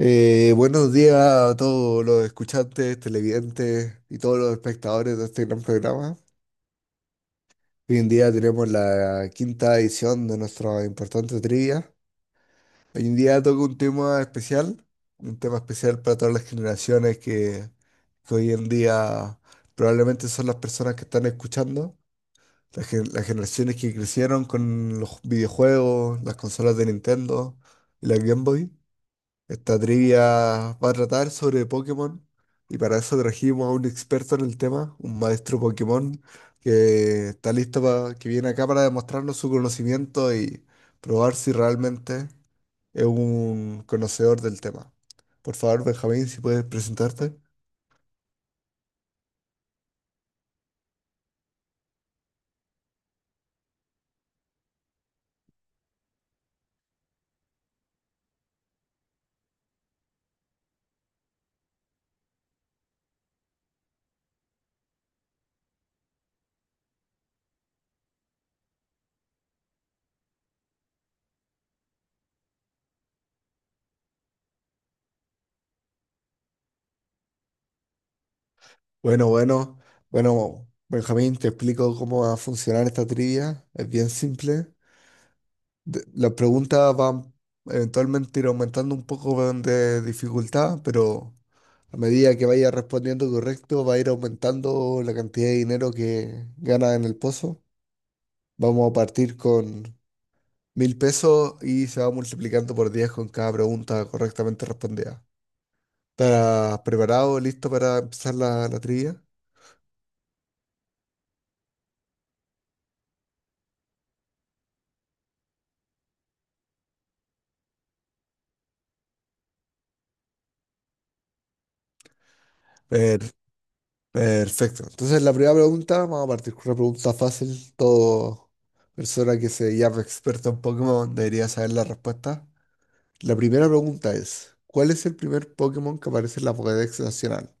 Buenos días a todos los escuchantes, televidentes y todos los espectadores de este gran programa. Hoy en día tenemos la quinta edición de nuestra importante trivia. Hoy en día toca un tema especial para todas las generaciones que hoy en día probablemente son las personas que están escuchando, las generaciones que crecieron con los videojuegos, las consolas de Nintendo y la Game Boy. Esta trivia va a tratar sobre Pokémon y para eso trajimos a un experto en el tema, un maestro Pokémon que está listo para que viene acá para demostrarnos su conocimiento y probar si realmente es un conocedor del tema. Por favor, Benjamín, si puedes presentarte. Bueno, bueno, bueno, Benjamín, te explico cómo va a funcionar esta trivia. Es bien simple. Las preguntas van eventualmente ir aumentando un poco de dificultad, pero a medida que vaya respondiendo correcto, va a ir aumentando la cantidad de dinero que gana en el pozo. Vamos a partir con 1.000 pesos y se va multiplicando por 10 con cada pregunta correctamente respondida. ¿Estás preparado, listo para empezar la trivia? Per- Perfecto. Entonces, la primera pregunta, vamos a partir con una pregunta fácil. Todo persona que se llama experta en Pokémon debería saber la respuesta. La primera pregunta es, ¿cuál es el primer Pokémon que aparece en la Pokédex Nacional?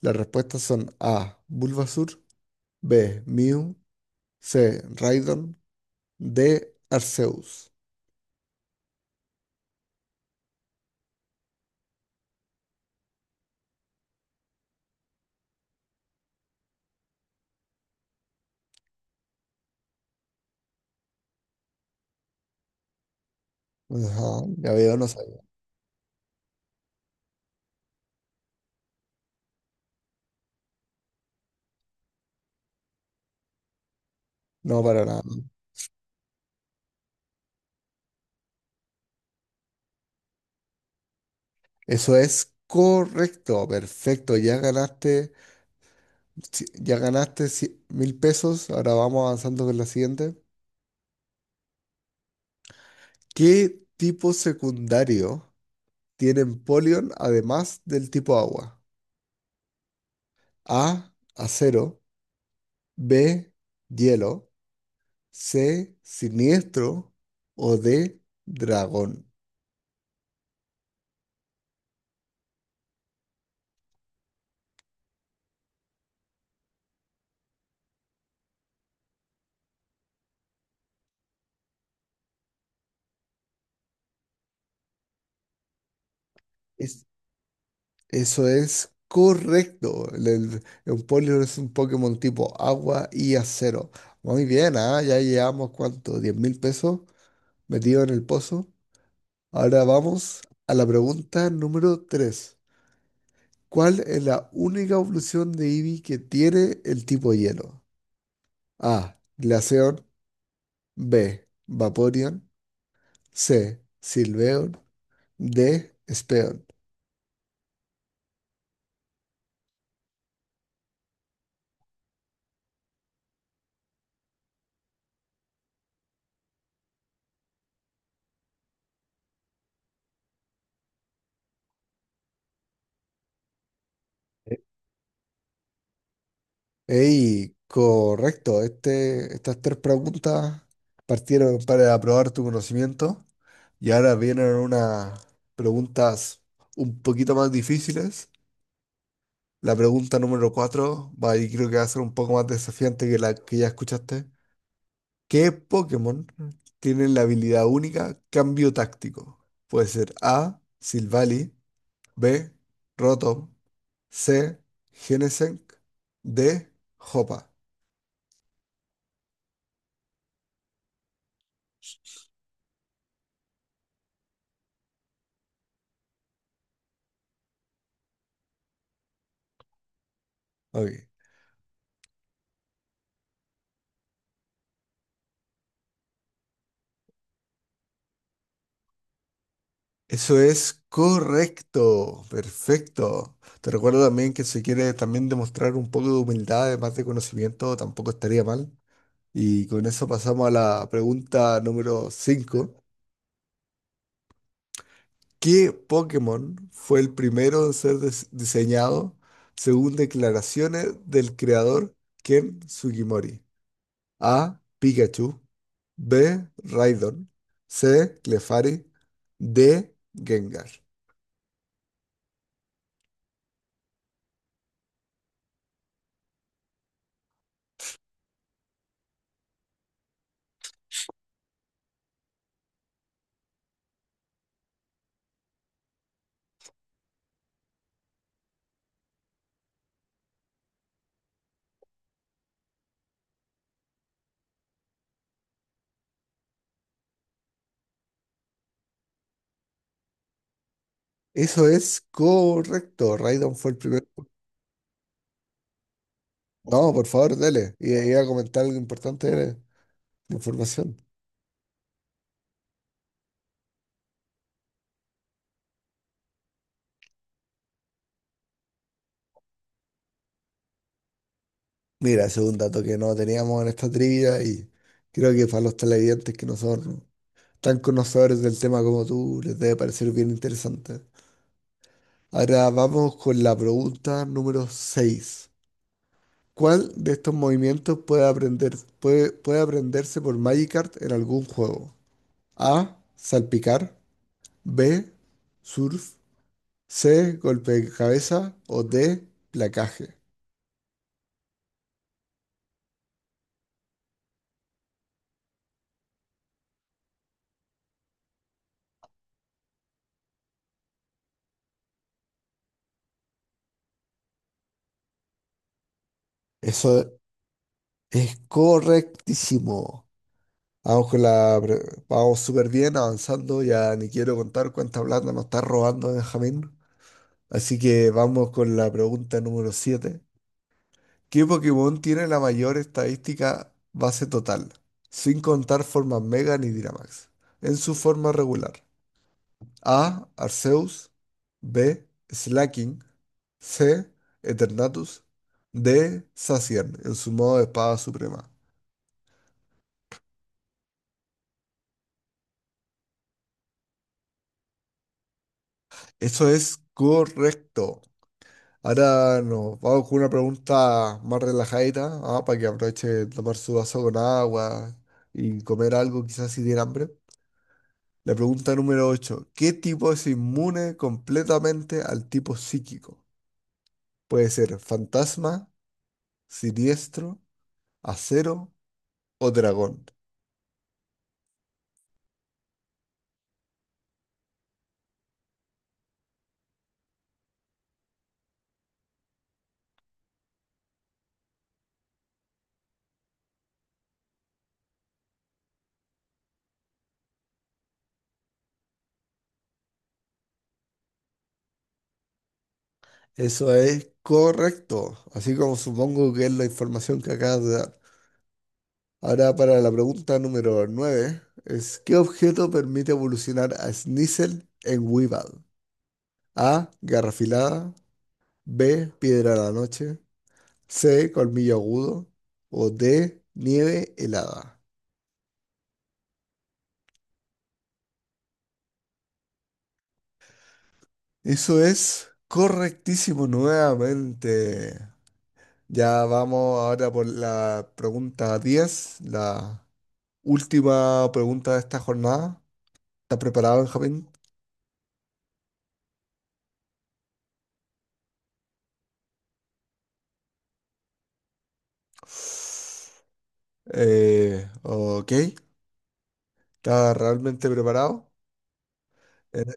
Las respuestas son A. Bulbasur, B. Mew, C. Raidon, D. Arceus. Ajá, ya veo, no sabía. No, para nada. Eso es correcto, perfecto. Ya ganaste 1.000 pesos. Ahora vamos avanzando con la siguiente. ¿Qué tipo secundario tienen Polion además del tipo agua? A, acero, B, hielo, C, siniestro o D, dragón. Es- Eso es correcto. Un Poliwrath es un Pokémon tipo agua y acero. Muy bien, ¿ah? Ya llevamos cuánto, 10.000 pesos metido en el pozo. Ahora vamos a la pregunta número tres. ¿Cuál es la única evolución de Eevee que tiene el tipo hielo? A, Glaceon, B, Vaporeon, C, Silveon, D, Speon. Ey, correcto. Este, estas tres preguntas partieron para aprobar tu conocimiento y ahora vienen unas preguntas un poquito más difíciles. La pregunta número cuatro va y creo que va a ser un poco más desafiante que la que ya escuchaste. ¿Qué Pokémon tiene la habilidad única Cambio Táctico? Puede ser A, Silvally, B, Rotom, C, Genesect, D, Hoppa. Ok. Eso es correcto, perfecto. Te recuerdo también que si quieres también demostrar un poco de humildad, además de conocimiento, tampoco estaría mal. Y con eso pasamos a la pregunta número cinco. ¿Qué Pokémon fue el primero en ser diseñado según declaraciones del creador Ken Sugimori? A. Pikachu. B. Raidon. C. Clefairy. D. Gengar. Eso es correcto. Raidon fue el primero. No, por favor, dele. Y iba a comentar algo importante de la información. Mira, ese es un dato que no teníamos en esta trivia y creo que para los televidentes que no son tan conocedores del tema como tú, les debe parecer bien interesante. Ahora vamos con la pregunta número 6. ¿Cuál de estos movimientos puede puede aprenderse por Magikarp en algún juego? A. Salpicar. B. Surf. C, golpe de cabeza o D, placaje. Eso es correctísimo. Vamos con la... pre- Vamos súper bien avanzando. Ya ni quiero contar cuánta plata nos está robando Benjamín. Así que vamos con la pregunta número 7. ¿Qué Pokémon tiene la mayor estadística base total? Sin contar formas Mega ni Dynamax. En su forma regular. A. Arceus. B. Slaking. C. Eternatus. D. Zacian, en su modo de espada suprema. Eso es correcto. Ahora nos vamos con una pregunta más relajadita, ah, para que aproveche de tomar su vaso con agua y comer algo, quizás si tiene hambre. La pregunta número 8. ¿Qué tipo es inmune completamente al tipo psíquico? Puede ser fantasma, siniestro, acero o dragón. Eso es correcto, así como supongo que es la información que acabas de dar. Ahora para la pregunta número 9 es ¿qué objeto permite evolucionar a Sneasel en Weevil? A. garra afilada, B. Piedra de la noche, C. Colmillo agudo o D. Nieve helada. Eso es correctísimo nuevamente. Ya vamos ahora por la pregunta 10, la última pregunta de esta jornada. ¿Está preparado, Benjamín? Ok, ¿está realmente preparado? En,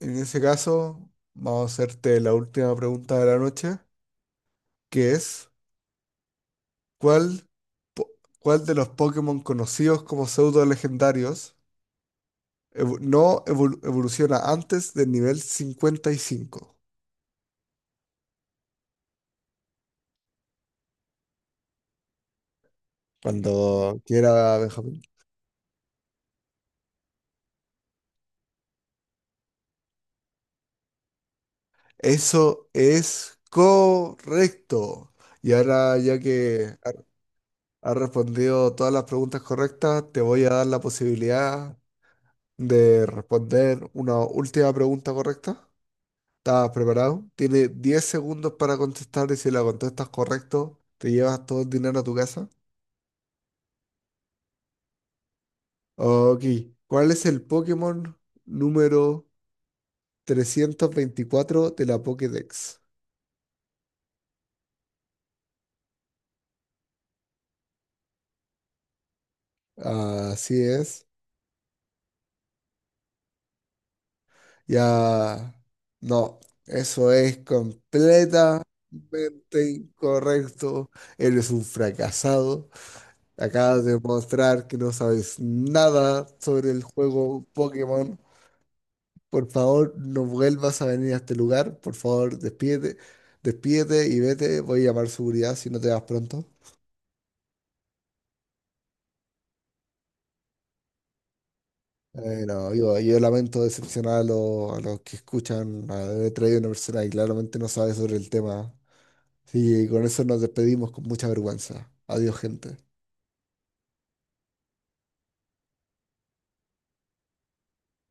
en ese caso, vamos a hacerte la última pregunta de la noche, que es, ¿cuál, po- ¿cuál de los Pokémon conocidos como pseudo legendarios no evoluciona antes del nivel 55? Cuando quiera, Benjamín. Eso es correcto. Y ahora, ya que has respondido todas las preguntas correctas. Te voy a dar la posibilidad de responder una última pregunta correcta. ¿Estás preparado? Tienes 10 segundos para contestar y si la contestas correcto, te llevas todo el dinero a tu casa. Ok. ¿Cuál es el Pokémon número 324 de la Pokédex? Así es. Ya. No, eso es completamente incorrecto. Eres un fracasado. Acabas de mostrar que no sabes nada sobre el juego Pokémon. Por favor, no vuelvas a venir a este lugar. Por favor, despídete, despídete y vete. Voy a llamar seguridad si no te vas pronto. No, yo lamento decepcionar a los que escuchan. He traído una persona que claramente no sabe sobre el tema. Sí, y con eso nos despedimos con mucha vergüenza. Adiós, gente.